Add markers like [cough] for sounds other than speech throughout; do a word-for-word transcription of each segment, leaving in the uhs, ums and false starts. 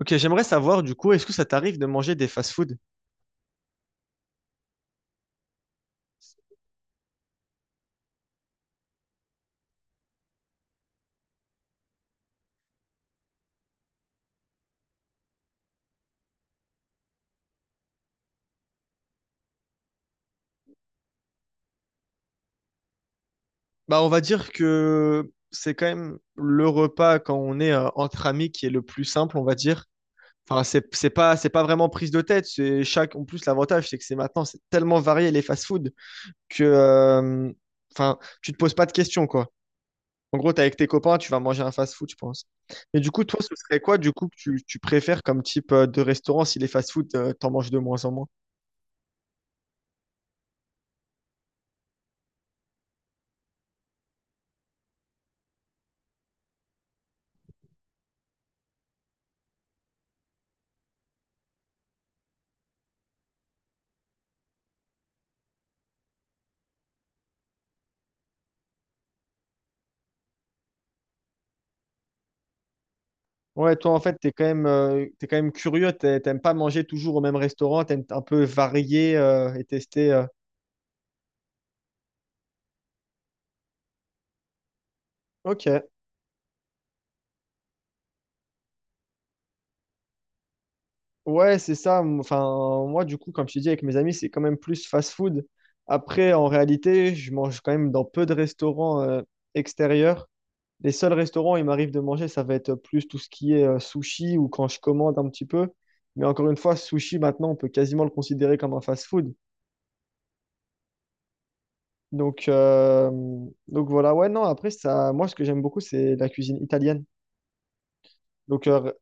OK, j'aimerais savoir du coup, est-ce que ça t'arrive de manger des fast-food? Bah, on va dire que c'est quand même le repas quand on est euh, entre amis qui est le plus simple, on va dire. Enfin, c'est c'est pas, c'est pas vraiment prise de tête. C'est chaque, en plus, l'avantage, c'est que c'est maintenant, c'est tellement varié les fast-food que, euh, enfin, tu te poses pas de questions, quoi. En gros, t'es avec tes copains, tu vas manger un fast-food, je pense. Mais du coup, toi, ce serait quoi, du coup, que tu, tu préfères comme type euh, de restaurant si les fast-food, euh, t'en manges de moins en moins? Ouais, toi, en fait, t'es quand même, euh, t'es quand même curieux, t'es- t'aimes pas manger toujours au même restaurant, t'aimes un peu varier euh, et tester. Euh. OK, ouais, c'est ça. m- Enfin, moi, du coup, comme je te dis, avec mes amis, c'est quand même plus fast-food. Après, en réalité, je mange quand même dans peu de restaurants euh, extérieurs. Les seuls restaurants où il m'arrive de manger, ça va être plus tout ce qui est euh, sushi ou quand je commande un petit peu. Mais encore une fois, sushi, maintenant, on peut quasiment le considérer comme un fast-food. Donc, euh, donc voilà, ouais, non, après, ça, moi, ce que j'aime beaucoup, c'est la cuisine italienne. Donc, euh,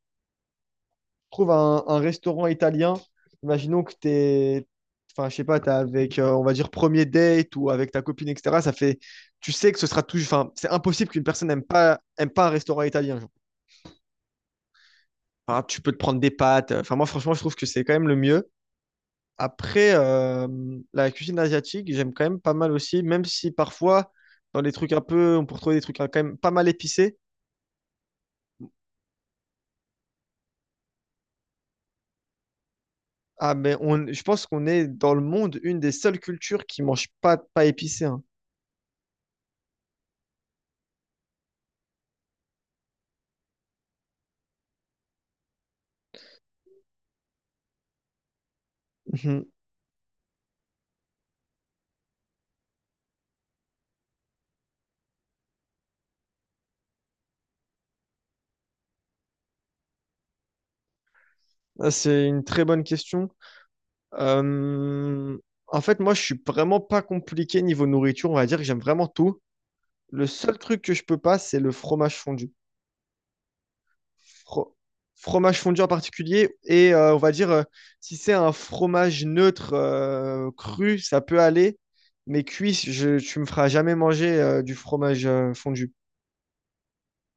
trouve un, un restaurant italien. Imaginons que t'es, enfin, je sais pas, t'es avec, euh, on va dire, premier date ou avec ta copine, et cetera. Ça fait, tu sais que ce sera toujours, enfin, c'est impossible qu'une personne n'aime pas, aime pas un restaurant italien, genre. Enfin, tu peux te prendre des pâtes. Enfin, moi, franchement, je trouve que c'est quand même le mieux. Après, euh, la cuisine asiatique, j'aime quand même pas mal aussi, même si parfois, dans les trucs un peu, on peut retrouver des trucs hein, quand même pas mal épicés. Ah, mais on, je pense qu'on est dans le monde une des seules cultures qui mange pas de pas épicé, hein. Mhm. Ah, c'est une très bonne question. Euh, en fait, moi, je suis vraiment pas compliqué niveau nourriture. On va dire que j'aime vraiment tout. Le seul truc que je peux pas, c'est le fromage fondu. Fro- Fromage fondu en particulier. Et euh, on va dire, euh, si c'est un fromage neutre, euh, cru, ça peut aller. Mais cuit, je, tu me feras jamais manger euh, du fromage euh, fondu.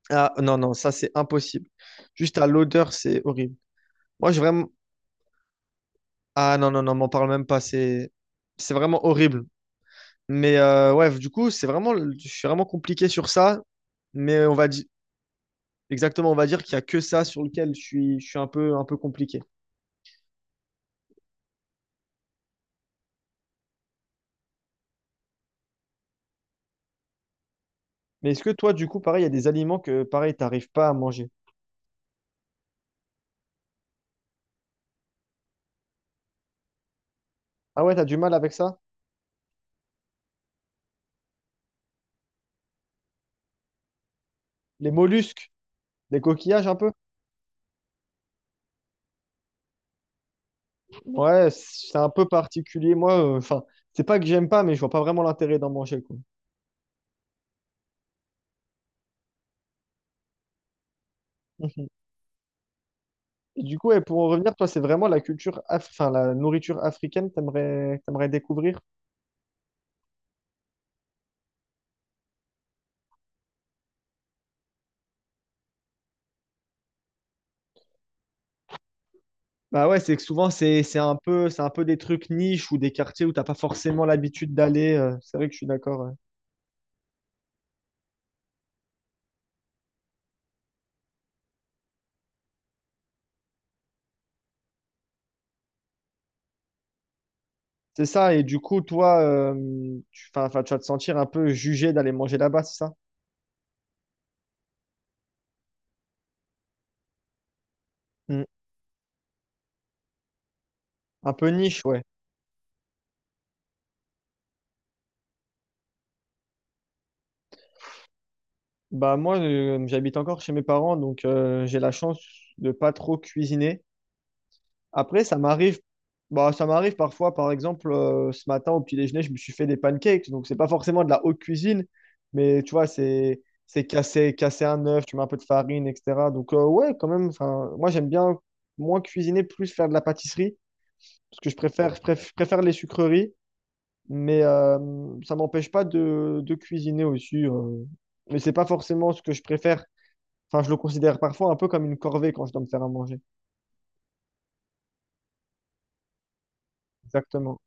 Ah, non, non, ça c'est impossible. Juste à l'odeur, c'est horrible. Moi, j'ai vraiment. Ah, non, non, non, m'en parle même pas. C'est c'est vraiment horrible. Mais euh, ouais, du coup, c'est vraiment. Je suis vraiment compliqué sur ça. Mais on va dire. Exactement, on va dire qu'il y a que ça sur lequel je suis, je suis un peu, un peu compliqué. Mais est-ce que toi, du coup, pareil, il y a des aliments que, pareil, t'arrives pas à manger? Ah ouais, t'as du mal avec ça? Les mollusques, les coquillages un peu? Ouais, c'est un peu particulier. Moi, euh, enfin, c'est pas que j'aime pas, mais je vois pas vraiment l'intérêt d'en manger, quoi. Et du coup, ouais, pour en revenir, toi, c'est vraiment la culture, af- enfin, la nourriture africaine que t'aimerais, t'aimerais découvrir? Bah ouais, c'est que souvent c'est c'est un peu c'est un peu des trucs niches ou des quartiers où t'as pas forcément l'habitude d'aller. euh, c'est vrai que je suis d'accord, ouais. C'est ça. Et du coup, toi, euh, tu, 'fin, 'fin, tu vas te sentir un peu jugé d'aller manger là-bas, c'est ça? Mm. Un peu niche, ouais. Bah moi, euh, j'habite encore chez mes parents, donc euh, j'ai la chance de pas trop cuisiner. Après, ça m'arrive, bah, ça m'arrive parfois, par exemple, euh, ce matin au petit déjeuner, je me suis fait des pancakes. Donc, c'est pas forcément de la haute cuisine, mais tu vois, c'est c'est casser, casser un œuf, tu mets un peu de farine, et cetera. Donc, euh, ouais, quand même, enfin, moi, j'aime bien moins cuisiner, plus faire de la pâtisserie, parce que je préfère, je préf- je préfère les sucreries, mais euh, ça m'empêche pas de, de cuisiner aussi. Euh. Mais c'est pas forcément ce que je préfère. Enfin, je le considère parfois un peu comme une corvée quand je dois me faire à manger. Exactement.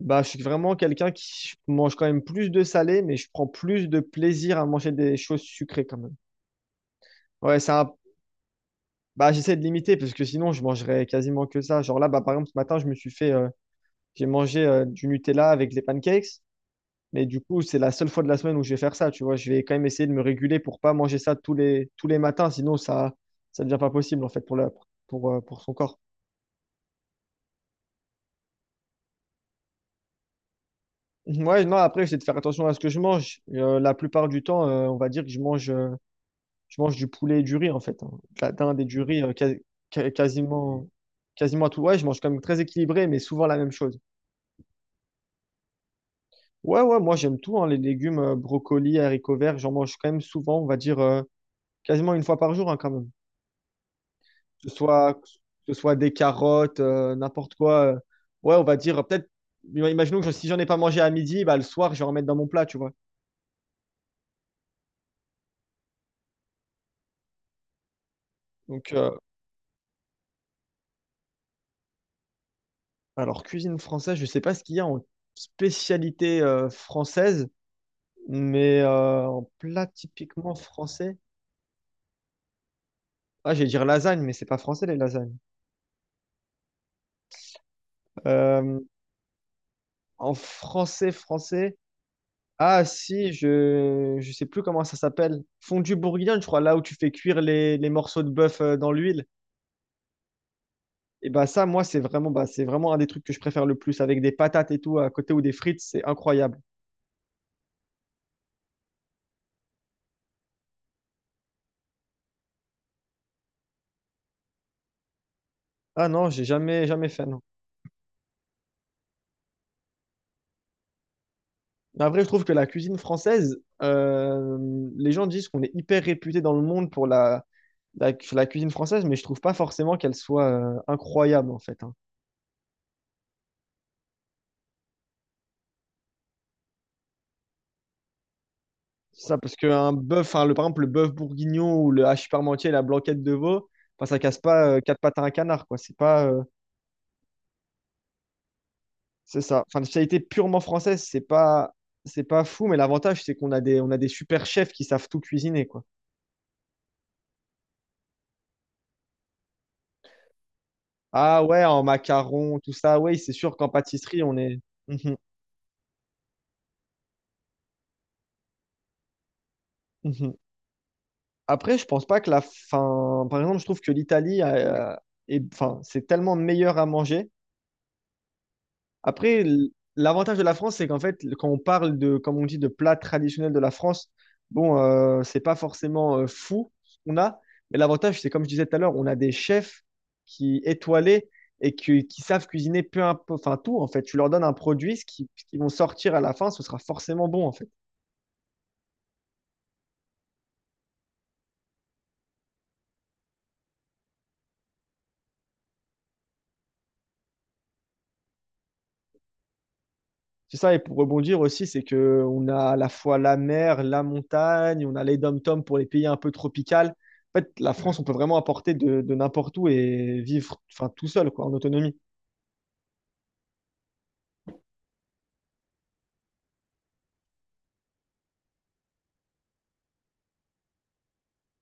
Bah, je suis vraiment quelqu'un qui mange quand même plus de salé, mais je prends plus de plaisir à manger des choses sucrées quand même. Ouais, c'est un... bah, j'essaie de limiter parce que sinon je mangerais quasiment que ça. Genre là, bah, par exemple, ce matin, je me suis fait, euh, j'ai mangé euh, du Nutella avec des pancakes, mais du coup, c'est la seule fois de la semaine où je vais faire ça. Tu vois, je vais quand même essayer de me réguler pour pas manger ça tous les tous les matins, sinon ça ça devient pas possible en fait pour la pour euh, pour son corps. [laughs] Ouais, non, après, j'essaie de faire attention à ce que je mange. Euh, la plupart du temps, euh, on va dire que je mange. euh, je mange du poulet et du riz en fait, hein. De la dinde et du riz euh, qua- qua- quasiment, quasiment à tout. Ouais, je mange quand même très équilibré, mais souvent la même chose. Ouais, ouais, moi j'aime tout, hein, les légumes, euh, brocolis, haricots verts, j'en mange quand même souvent, on va dire euh, quasiment une fois par jour hein, quand même. Que ce soit, que ce soit des carottes, euh, n'importe quoi. Euh. Ouais, on va dire euh, peut-être, imaginons que je- si j'en ai pas mangé à midi, bah, le soir je vais en mettre dans mon plat, tu vois. Donc, euh, alors cuisine française, je sais pas ce qu'il y a en spécialité euh, française. Mais euh, en plat typiquement français, ah, j'allais dire lasagne, mais c'est pas français les lasagnes. Euh, en français, français, ah si, je je sais plus comment ça s'appelle. Fondue bourguignonne, je crois, là où tu fais cuire les, les morceaux de bœuf euh, dans l'huile. Et bah ça, moi, c'est vraiment, bah, c'est vraiment un des trucs que je préfère le plus, avec des patates et tout à côté ou des frites, c'est incroyable. Ah non, j'ai jamais jamais fait, non. Mais après, je trouve que la cuisine française, euh, les gens disent qu'on est hyper réputé dans le monde pour la la, cu- la cuisine française, mais je trouve pas forcément qu'elle soit euh, incroyable en fait, hein. C'est ça, parce qu'un bœuf, hein, le, par exemple, le bœuf bourguignon ou le hachis parmentier la blanquette de veau, enfin, ça casse pas euh, quatre pattes à un canard, quoi. C'est pas, euh, c'est ça. Enfin, la spécialité purement française, c'est pas, c'est pas fou, mais l'avantage, c'est qu'on a des, on a des super chefs qui savent tout cuisiner, quoi. Ah ouais, en macarons, tout ça, oui, c'est sûr qu'en pâtisserie, on est. Mhm, mhm. Après, je pense pas que la fin. Par exemple, je trouve que l'Italie, euh, est- enfin, c'est tellement meilleur à manger. Après, l- L'avantage de la France, c'est qu'en fait, quand on parle de, comme on dit, de plats traditionnels de la France, bon, euh, c'est pas forcément euh, fou ce qu'on a, mais l'avantage, c'est comme je disais tout à l'heure, on a des chefs qui étoilés et qui, qui savent cuisiner peu importe, enfin tout en fait. Tu leur donnes un produit, ce qui, ce qu'ils vont sortir à la fin, ce sera forcément bon en fait. C'est ça, et pour rebondir aussi, c'est que on a à la fois la mer, la montagne, on a les dom-toms pour les pays un peu tropicales. En fait, la France, on peut vraiment apporter de, de n'importe où et vivre enfin, tout seul, quoi, en autonomie.